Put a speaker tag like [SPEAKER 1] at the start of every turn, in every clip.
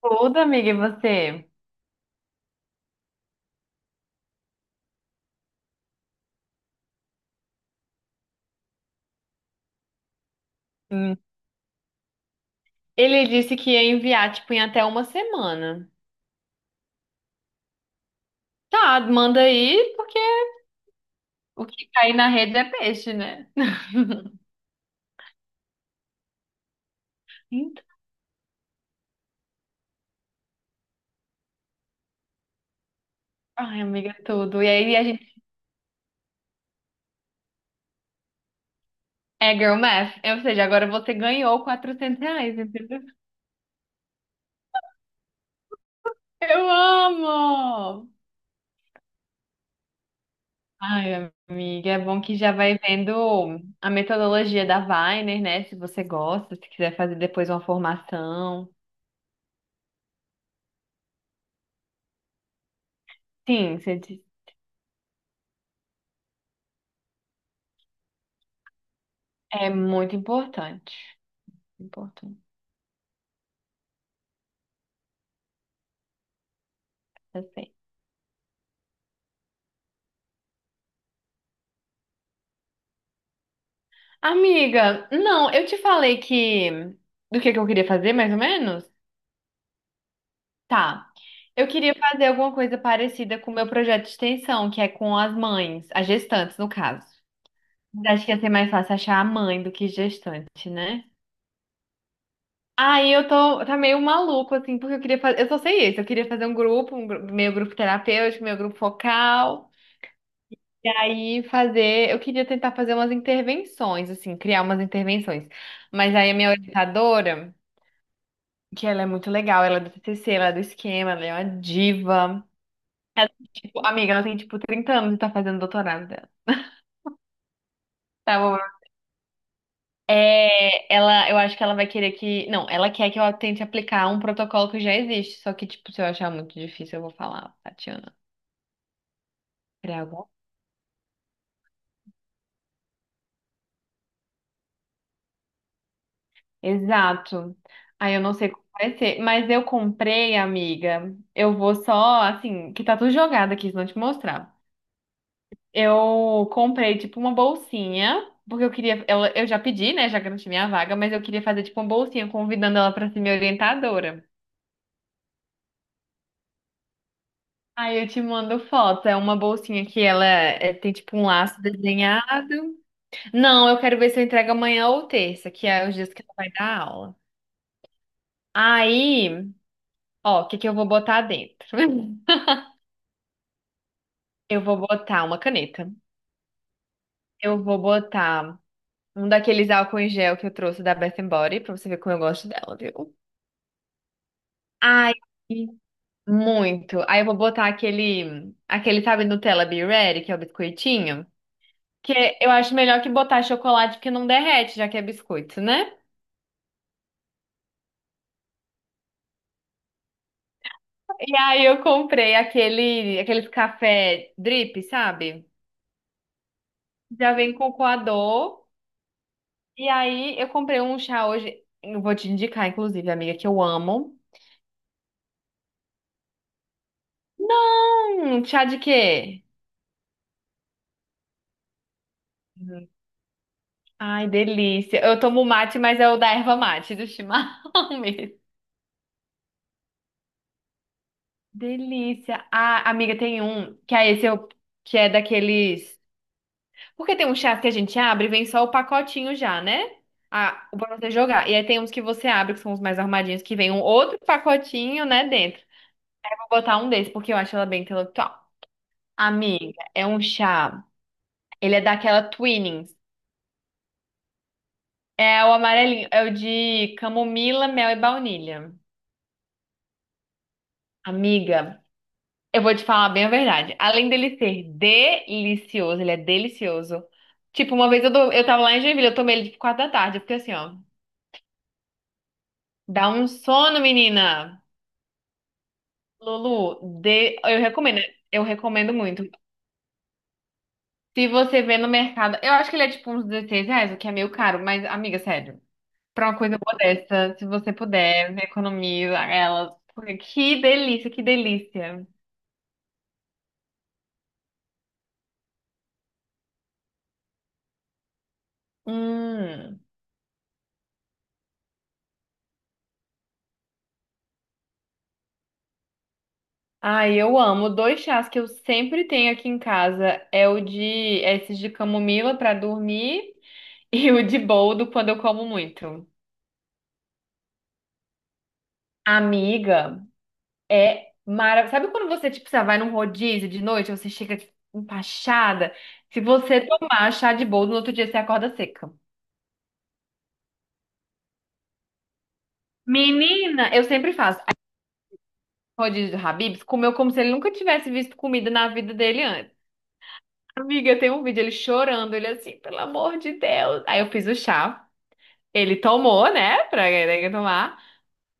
[SPEAKER 1] Tudo, amiga, e você? Hum. Ele disse que ia enviar, tipo, em até uma semana. Tá, manda aí, porque o que cair na rede é peixe, né? Então, ai, amiga, é tudo. E aí a gente. É girl math. Ou seja, agora você ganhou 400 reais, entendeu? Eu amo! Ai, amiga, é bom que já vai vendo a metodologia da Weiner, né? Se você gosta, se quiser fazer depois uma formação. Sim, você diz. É muito importante. Importante. Amiga, não, eu te falei que do que eu queria fazer, mais ou menos? Tá. Eu queria fazer alguma coisa parecida com o meu projeto de extensão, que é com as mães, as gestantes, no caso. Acho que ia ser mais fácil achar a mãe do que gestante, né? Aí eu tô, tá meio maluco, assim, porque eu queria fazer. Eu só sei isso, eu queria fazer um grupo, meu grupo terapêutico, meu grupo focal. E aí fazer, eu queria tentar fazer umas intervenções, assim, criar umas intervenções. Mas aí a minha orientadora, que ela é muito legal, ela é do TCC, ela é do esquema, ela é uma diva. Tipo, amiga, ela tem tipo 30 anos e tá fazendo doutorado dela. Tá bom. É, ela, eu acho que ela vai querer que. Não, ela quer que eu tente aplicar um protocolo que já existe. Só que, tipo, se eu achar muito difícil, eu vou falar, Tatiana. Criar algum? Exato. Aí eu não sei como vai ser. Mas eu comprei, amiga. Eu vou só, assim, que tá tudo jogado aqui, se não te mostrar. Eu comprei, tipo, uma bolsinha, porque eu queria. Eu já pedi, né? Já garanti minha vaga, mas eu queria fazer, tipo, uma bolsinha, convidando ela pra ser minha orientadora. Aí eu te mando foto. É uma bolsinha que ela é, tem, tipo, um laço desenhado. Não, eu quero ver se eu entrego amanhã ou terça, que é os dias que ela vai dar aula. Aí, ó, o que que eu vou botar dentro? Eu vou botar uma caneta. Eu vou botar um daqueles álcool em gel que eu trouxe da Bath Body, pra você ver como eu gosto dela, viu? Aí. Muito. Aí eu vou botar aquele, aquele, sabe, Nutella Be Ready, que é o biscoitinho. Que eu acho melhor que botar chocolate porque não derrete, já que é biscoito, né? E aí eu comprei aquele, aqueles café drip, sabe? Já vem com coador. E aí eu comprei um chá hoje. Eu vou te indicar, inclusive, amiga, que eu amo. Não! Chá de quê? Uhum. Ai, delícia. Eu tomo mate, mas é o da erva mate, do chimarrão mesmo. Delícia. Ah, amiga, tem um que é esse eu, que é daqueles. Porque tem um chás que a gente abre e vem só o pacotinho já, né? Ah, o pra você jogar. E aí tem uns que você abre, que são os mais armadinhos, que vem um outro pacotinho, né, dentro. Eu vou botar um desse, porque eu acho ela bem intelectual. Amiga, é um chá. Ele é daquela Twinings. É o amarelinho, é o de camomila, mel e baunilha. Amiga. Eu vou te falar bem a verdade. Além dele ser delicioso, ele é delicioso. Tipo, uma vez eu, eu tava lá em Joinville, eu tomei ele tipo 4 da tarde, porque assim, ó, dá um sono, menina. Lulu, de... eu recomendo muito. Se você vê no mercado, eu acho que ele é tipo uns 16 reais, o que é meio caro, mas amiga, sério, pra uma coisa boa dessa, se você puder, economiza ela. Porque que delícia, que delícia. Hum. Ai, eu amo. Dois chás que eu sempre tenho aqui em casa é o de é esses de camomila para dormir e o de boldo quando eu como muito. Amiga, é maravilhoso. Sabe quando você tipo, você vai num rodízio de noite, você chega empachada? Se você tomar chá de boldo, no outro dia você acorda seca. Menina, eu sempre faço. Aí, o rodízio do Habib's comeu como se ele nunca tivesse visto comida na vida dele antes. Amiga, tem um vídeo ele chorando, ele assim, pelo amor de Deus. Aí eu fiz o chá. Ele tomou, né? Pra ele tomar.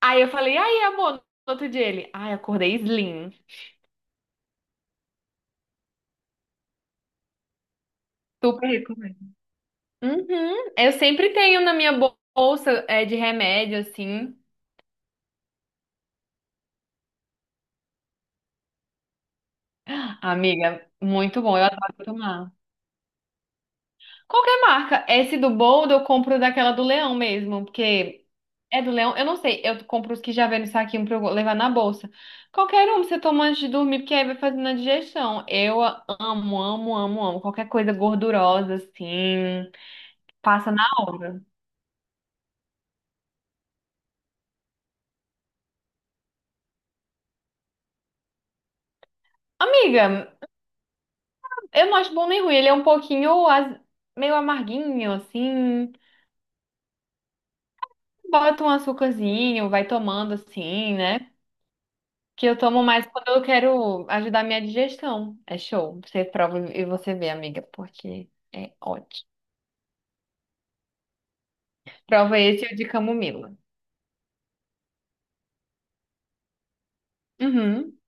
[SPEAKER 1] Aí eu falei, aí, amor, no outro dia ele, ai, acordei slim. Super recomendo. Uhum. Eu sempre tenho na minha bolsa é, de remédio, assim. Amiga, muito bom, eu adoro tomar. Qualquer marca. Esse do Bold eu compro daquela do Leão mesmo, porque é do Leão, eu não sei, eu compro os que já vêm no saquinho pra eu levar na bolsa. Qualquer um você toma antes de dormir, porque aí vai fazendo a digestão. Eu amo, amo, amo, amo. Qualquer coisa gordurosa, assim. Passa na hora. Amiga, eu não acho bom nem ruim. Ele é um pouquinho meio amarguinho, assim. Bota um açúcarzinho, vai tomando assim, né? Que eu tomo mais quando eu quero ajudar a minha digestão. É show. Você prova e você vê, amiga, porque é ótimo. Prova esse e o de camomila. Uhum.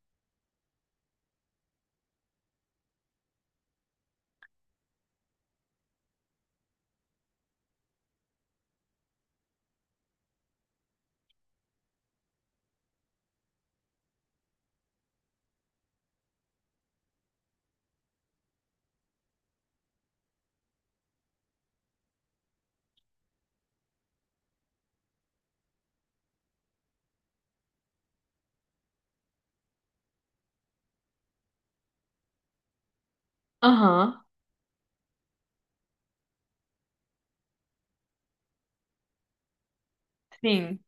[SPEAKER 1] Aham. Sim.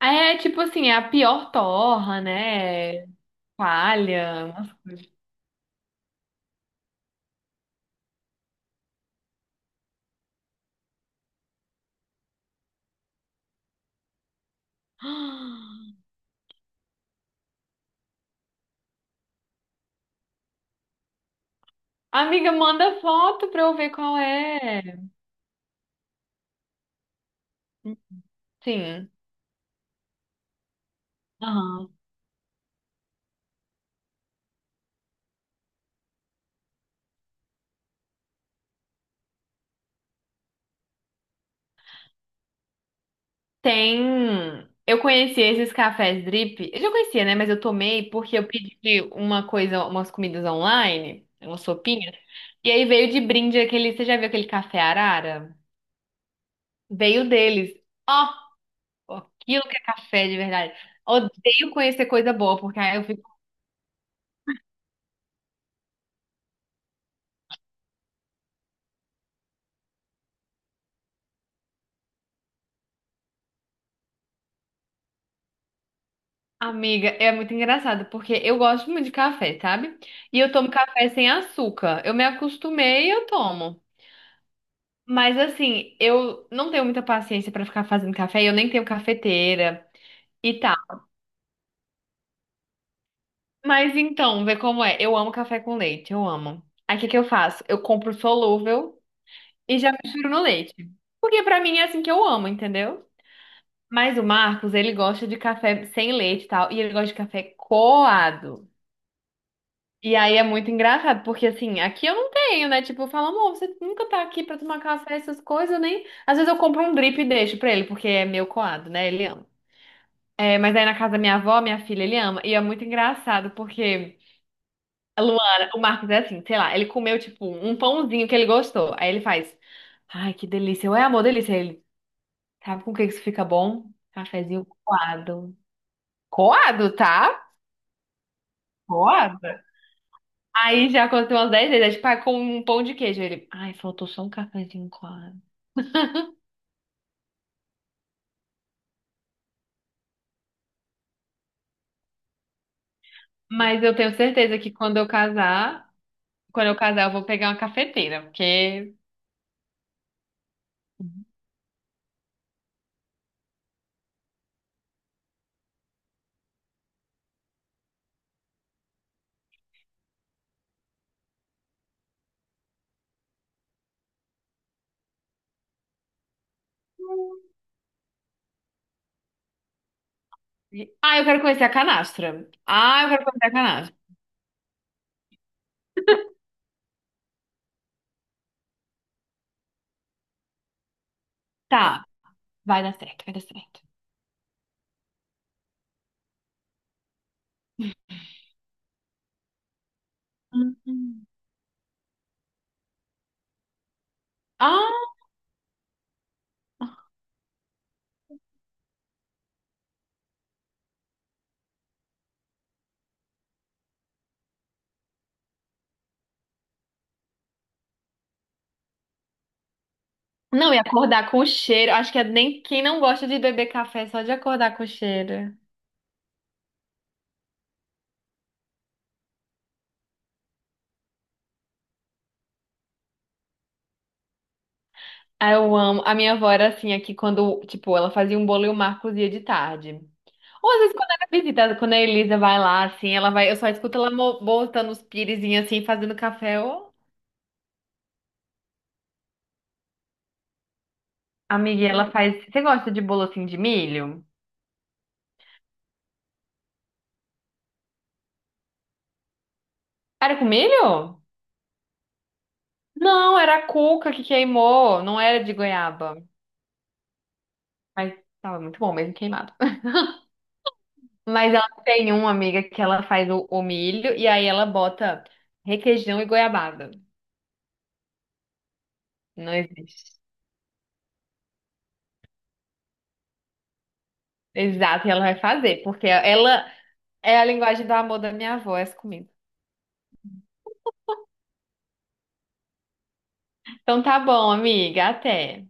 [SPEAKER 1] É tipo assim, é a pior torra, né? Palha, umas coisas. Amiga, manda foto pra eu ver qual é. Sim. Aham. Tem. Eu conheci esses cafés drip. Eu já conhecia, né? Mas eu tomei porque eu pedi uma coisa, umas comidas online, umas sopinhas. E aí veio de brinde aquele. Você já viu aquele café Arara? Veio deles. Ó, aquilo que é café de verdade. Odeio conhecer coisa boa, porque aí eu fico. Amiga, é muito engraçado, porque eu gosto muito de café, sabe? E eu tomo café sem açúcar. Eu me acostumei e eu tomo. Mas assim, eu não tenho muita paciência pra ficar fazendo café, eu nem tenho cafeteira e tal. Mas então, vê como é. Eu amo café com leite, eu amo. Aí o que que eu faço? Eu compro solúvel e já misturo no leite. Porque pra mim é assim que eu amo, entendeu? Mas o Marcos, ele gosta de café sem leite e tal, e ele gosta de café coado. E aí é muito engraçado, porque assim, aqui eu não tenho, né? Tipo, eu falo, amor, você nunca tá aqui pra tomar café, essas coisas, nem. Às vezes eu compro um drip e deixo pra ele, porque é meu coado, né? Ele ama. É, mas aí na casa da minha avó, minha filha, ele ama. E é muito engraçado, porque a Luana, o Marcos é assim, sei lá, ele comeu, tipo, um pãozinho que ele gostou. Aí ele faz, ai, que delícia. Eu, é amor, delícia. Aí ele, sabe com o que isso fica bom? Cafezinho coado. Coado, tá? Coado. Aí já aconteceu umas 10 vezes, é tipo, ah, com um pão de queijo. Aí ele, ai, faltou só um cafezinho coado. Mas eu tenho certeza que quando eu casar, eu vou pegar uma cafeteira, porque... Ah, eu quero conhecer a canastra. Ah, eu quero conhecer a canastra. Tá, vai dar certo, vai dar certo. Hum. Ah, não, e acordar com o cheiro. Acho que é nem quem não gosta de beber café é só de acordar com o cheiro. Ah, eu amo. A minha avó era assim aqui quando, tipo, ela fazia um bolo e o Marcos ia de tarde. Ou às vezes quando ela visita, quando a Elisa vai lá, assim, ela vai, eu só escuto ela botando os piresinhos assim, fazendo café. Ô, amiga, e ela faz. Você gosta de bolo assim de milho? Era com milho? Não, era a cuca que queimou, não era de goiaba. Mas tava muito bom mesmo queimado. Mas ela tem uma amiga que ela faz o milho e aí ela bota requeijão e goiabada. Não existe. Exato, e ela vai fazer, porque ela é a linguagem do amor da minha avó, essa comida. Então tá bom, amiga, até.